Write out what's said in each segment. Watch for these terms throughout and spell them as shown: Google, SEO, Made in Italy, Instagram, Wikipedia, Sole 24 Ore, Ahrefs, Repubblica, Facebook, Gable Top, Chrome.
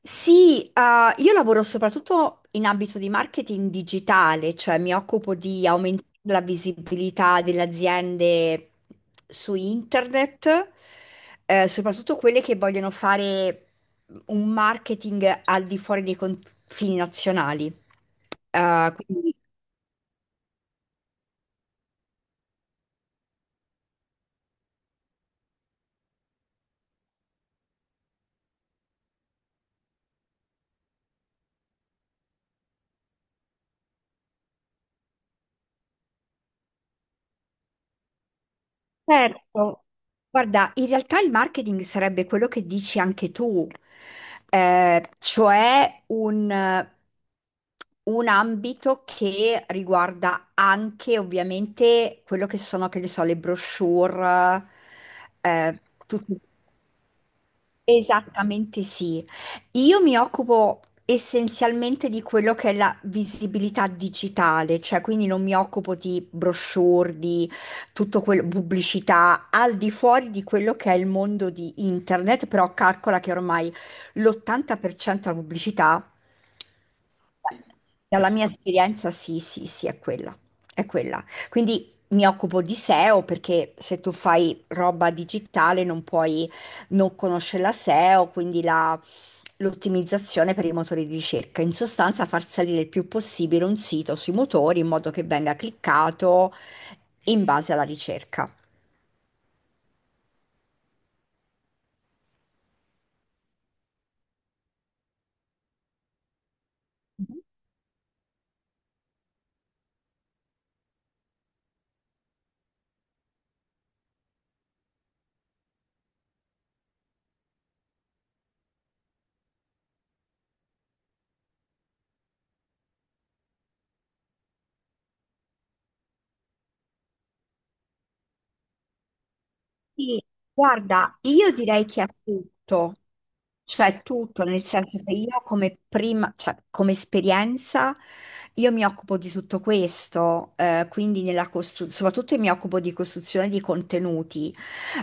Sì, io lavoro soprattutto in ambito di marketing digitale, cioè mi occupo di aumentare la visibilità delle aziende su internet, soprattutto quelle che vogliono fare un marketing al di fuori dei confini nazionali. Eh, quindi Certo, guarda, in realtà il marketing sarebbe quello che dici anche tu, cioè un ambito che riguarda anche ovviamente quello che sono, che ne so, le brochure, eh, tutto. Esattamente, sì. Io mi occupo essenzialmente di quello che è la visibilità digitale, cioè quindi non mi occupo di brochure, di tutto quello, pubblicità, al di fuori di quello che è il mondo di internet, però calcola che ormai l'80% della pubblicità, dalla mia esperienza, sì, sì, sì, è quella, è quella. Quindi mi occupo di SEO, perché se tu fai roba digitale non puoi non conoscere la SEO, quindi l'ottimizzazione per i motori di ricerca. In sostanza, far salire il più possibile un sito sui motori in modo che venga cliccato in base alla ricerca. Sì, guarda, io direi che ha tutto, cioè tutto, nel senso che io come prima, cioè come esperienza, io mi occupo di tutto questo, quindi nella soprattutto mi occupo di costruzione di contenuti.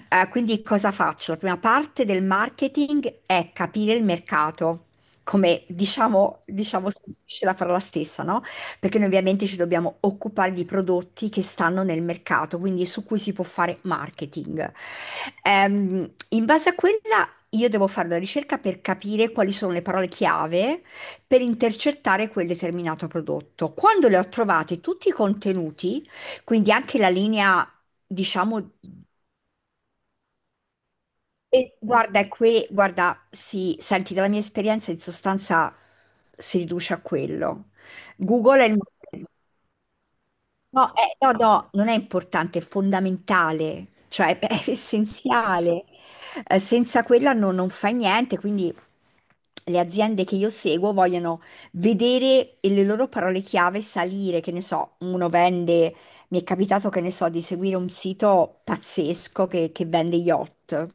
Quindi cosa faccio? La prima parte del marketing è capire il mercato, come diciamo, si dice la parola stessa, no? Perché noi ovviamente ci dobbiamo occupare di prodotti che stanno nel mercato, quindi su cui si può fare marketing. In base a quella io devo fare una ricerca per capire quali sono le parole chiave per intercettare quel determinato prodotto. Quando le ho trovate tutti i contenuti, quindi anche la linea, diciamo, e guarda, è qui, guarda, sì, senti, dalla mia esperienza in sostanza si riduce a quello. Google è il... No, no, no, non è importante, è fondamentale, cioè è essenziale. Senza quella non fai niente, quindi le aziende che io seguo vogliono vedere e le loro parole chiave salire, che ne so, uno vende, mi è capitato che ne so di seguire un sito pazzesco che vende yacht.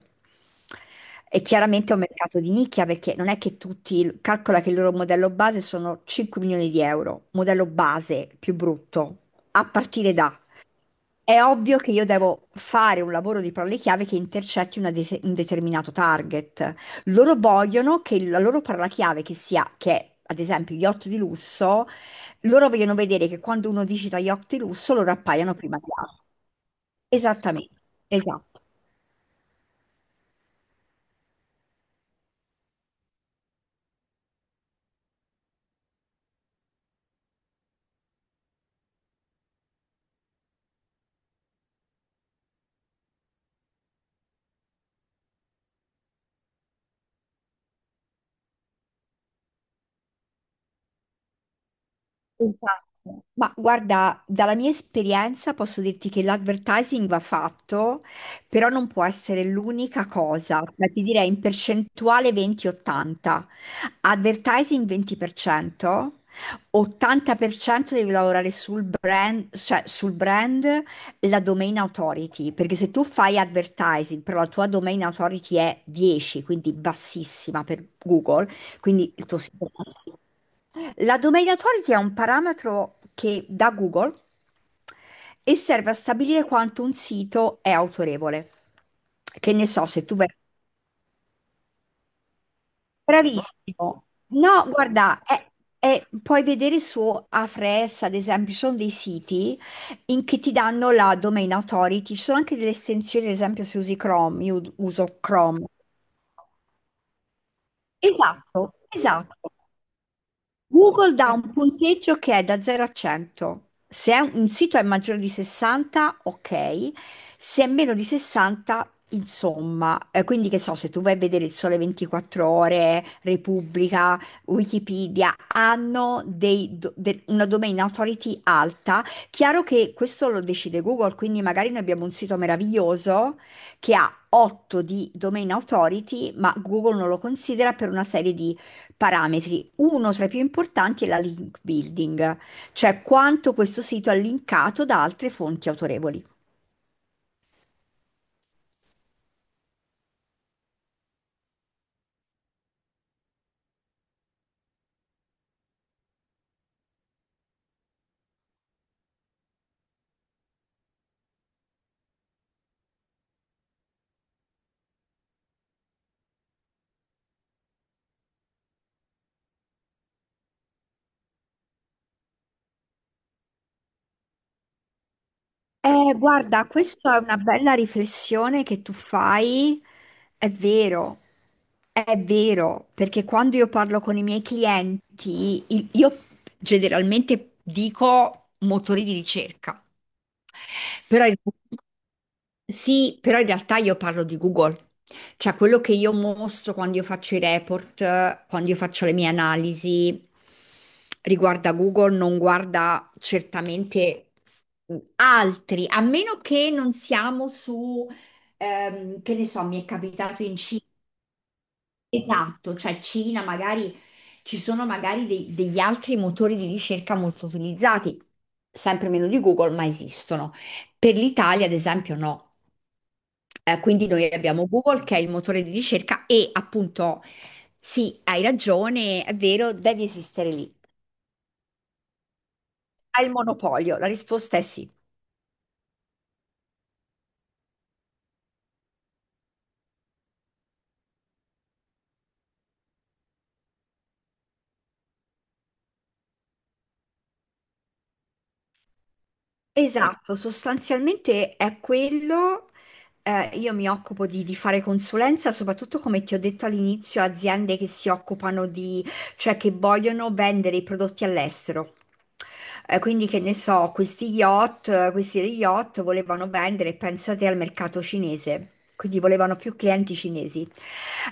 E chiaramente è un mercato di nicchia, perché non è che tutti, calcola che il loro modello base sono 5 milioni di euro, modello base più brutto a partire da, è ovvio che io devo fare un lavoro di parole chiave che intercetti un determinato target. Loro vogliono che la loro parola chiave che sia, che è, ad esempio yacht di lusso, loro vogliono vedere che quando uno digita yacht di lusso loro appaiano prima di altri. Esattamente, esatto. Esatto. Ma guarda, dalla mia esperienza posso dirti che l'advertising va fatto, però non può essere l'unica cosa. Cioè, ti direi in percentuale 20-80. Advertising 20%, 80% devi lavorare sul brand, cioè sul brand, la domain authority, perché se tu fai advertising, però la tua domain authority è 10, quindi bassissima per Google, quindi il tuo sito è bassissimo. La domain authority è un parametro che dà Google e serve a stabilire quanto un sito è autorevole. Che ne so, se tu vai... Bravissimo. No, guarda, puoi vedere su Ahrefs, ad esempio, ci sono dei siti in che ti danno la domain authority, ci sono anche delle estensioni, ad esempio se usi Chrome, io uso Chrome. Esatto, esatto. Google dà un punteggio che è da 0 a 100. Se è un sito è maggiore di 60, ok. Se è meno di 60, insomma. Quindi che so, se tu vai a vedere il Sole 24 Ore, Repubblica, Wikipedia, hanno una domain authority alta. Chiaro che questo lo decide Google, quindi magari noi abbiamo un sito meraviglioso che ha 8 di domain authority, ma Google non lo considera per una serie di parametri. Uno tra i più importanti è la link building, cioè quanto questo sito è linkato da altre fonti autorevoli. Guarda, questa è una bella riflessione che tu fai. È vero, è vero, perché quando io parlo con i miei clienti, io generalmente dico motori di ricerca, però in sì, però in realtà io parlo di Google, cioè quello che io mostro quando io faccio i report, quando io faccio le mie analisi riguarda Google, non guarda certamente altri, a meno che non siamo su, che ne so, mi è capitato in Cina, esatto, cioè Cina, magari ci sono magari degli altri motori di ricerca molto utilizzati, sempre meno di Google, ma esistono. Per l'Italia, ad esempio, no. Quindi noi abbiamo Google che è il motore di ricerca e appunto sì, hai ragione, è vero, deve esistere lì. Ha il monopolio, la risposta è sì. Esatto, sostanzialmente è quello. Io mi occupo di fare consulenza, soprattutto come ti ho detto all'inizio, aziende che si occupano di, cioè che vogliono vendere i prodotti all'estero. Quindi, che ne so, questi yacht volevano vendere, pensate al mercato cinese. Quindi volevano più clienti cinesi.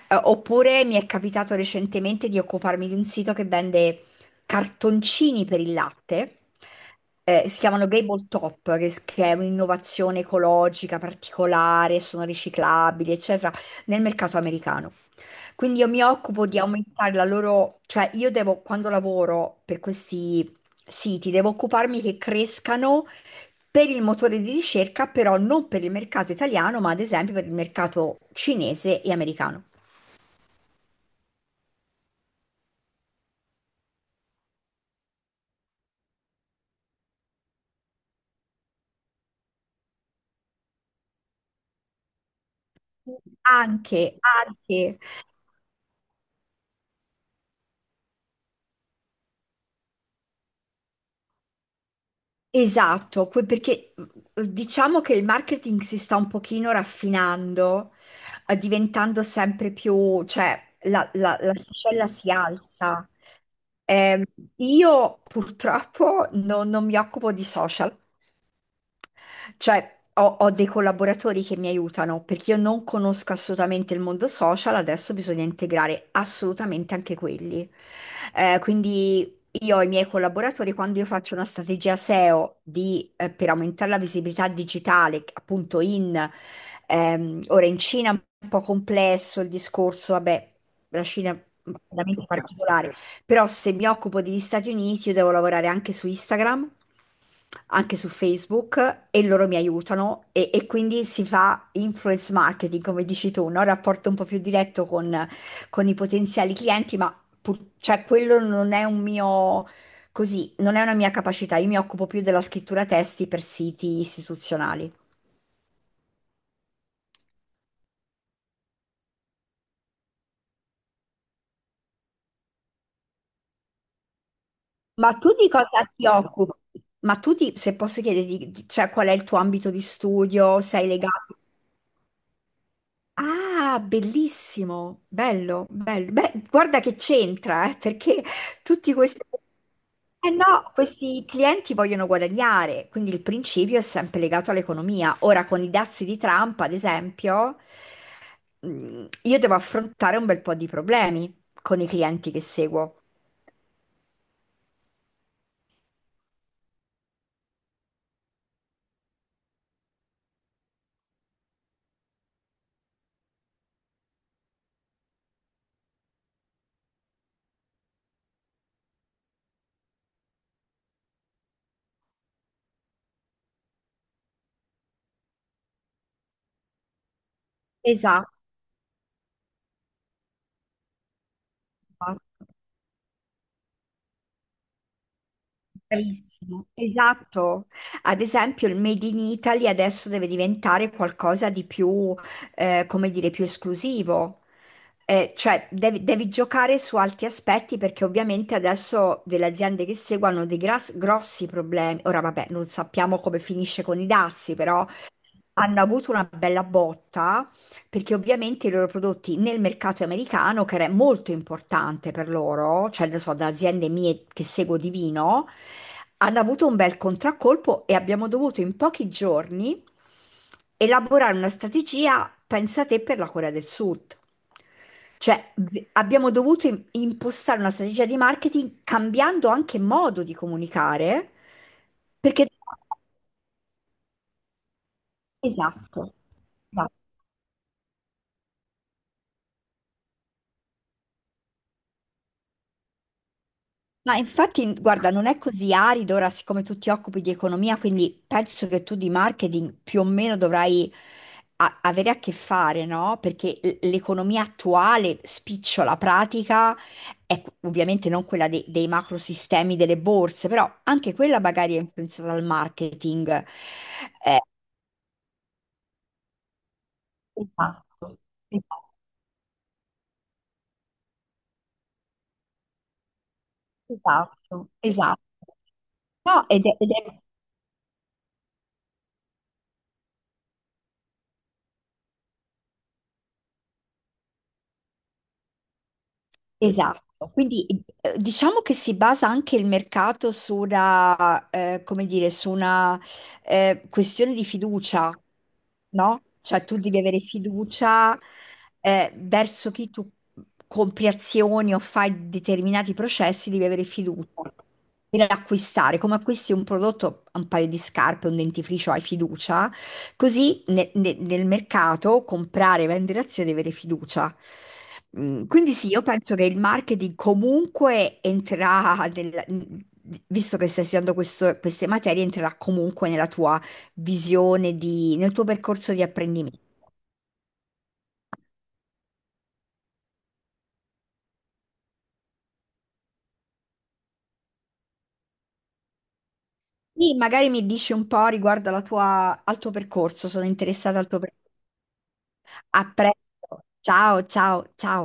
Oppure mi è capitato recentemente di occuparmi di un sito che vende cartoncini per il latte, si chiamano Gable Top, che è un'innovazione ecologica particolare, sono riciclabili, eccetera, nel mercato americano. Quindi io mi occupo di aumentare la loro, cioè io devo, quando lavoro per questi siti, devo occuparmi che crescano per il motore di ricerca, però non per il mercato italiano, ma ad esempio per il mercato cinese e americano. Anche, anche. Esatto, perché diciamo che il marketing si sta un pochino raffinando, diventando sempre più, cioè la scella si alza. Ehm, io purtroppo non mi occupo di social. Cioè, ho dei collaboratori che mi aiutano, perché io non conosco assolutamente il mondo social, adesso bisogna integrare assolutamente anche quelli. Quindi io ho i miei collaboratori, quando io faccio una strategia SEO di, per aumentare la visibilità digitale, appunto in, ora in Cina è un po' complesso il discorso, vabbè, la Cina è veramente particolare. Però se mi occupo degli Stati Uniti, io devo lavorare anche su Instagram, anche su Facebook e loro mi aiutano e quindi si fa influence marketing, come dici tu, no? Rapporto un po' più diretto con i potenziali clienti, ma cioè, quello non è un mio, così, non è una mia capacità. Io mi occupo più della scrittura testi per siti istituzionali. Ma tu di cosa ti occupi? Ma tu, se posso chiederti, cioè, qual è il tuo ambito di studio? Sei legato? Ah, bellissimo, bello, bello. Beh, guarda che c'entra, perché tutti questi... Eh no, questi clienti vogliono guadagnare, quindi il principio è sempre legato all'economia. Ora, con i dazi di Trump, ad esempio, io devo affrontare un bel po' di problemi con i clienti che seguo. Esatto, bravissimo, esatto. Ad esempio, il Made in Italy adesso deve diventare qualcosa di più, come dire, più esclusivo. Cioè, devi giocare su altri aspetti, perché ovviamente adesso delle aziende che seguono dei grossi problemi. Ora, vabbè, non sappiamo come finisce con i dazi, però hanno avuto una bella botta perché ovviamente i loro prodotti nel mercato americano, che era molto importante per loro, cioè ne so, da aziende mie che seguo di vino, hanno avuto un bel contraccolpo e abbiamo dovuto in pochi giorni elaborare una strategia, pensa te, per la Corea del Sud. Cioè, abbiamo dovuto impostare una strategia di marketing cambiando anche modo di comunicare, perché... Esatto. Ma infatti, guarda, non è così arido ora, siccome tu ti occupi di economia, quindi penso che tu di marketing più o meno dovrai avere a che fare, no? Perché l'economia attuale, spicciola pratica, è ovviamente non quella dei macrosistemi delle borse, però anche quella magari è influenzata dal marketing. Eh, esatto, esatto, esatto. Esatto. No, ed è esatto, quindi diciamo che si basa anche il mercato su una, come dire, su una, questione di fiducia, no? Cioè tu devi avere fiducia, verso chi tu compri azioni o fai determinati processi, devi avere fiducia per acquistare. Come acquisti un prodotto, un paio di scarpe, un dentifricio, hai fiducia. Così nel mercato comprare e vendere azioni e avere fiducia. Quindi sì, io penso che il marketing comunque entrerà, visto che stai studiando queste materie, entrerà comunque nella tua visione, nel tuo percorso di apprendimento. Sì, magari mi dici un po' riguardo alla al tuo percorso, sono interessata al tuo percorso. A presto, ciao, ciao, ciao.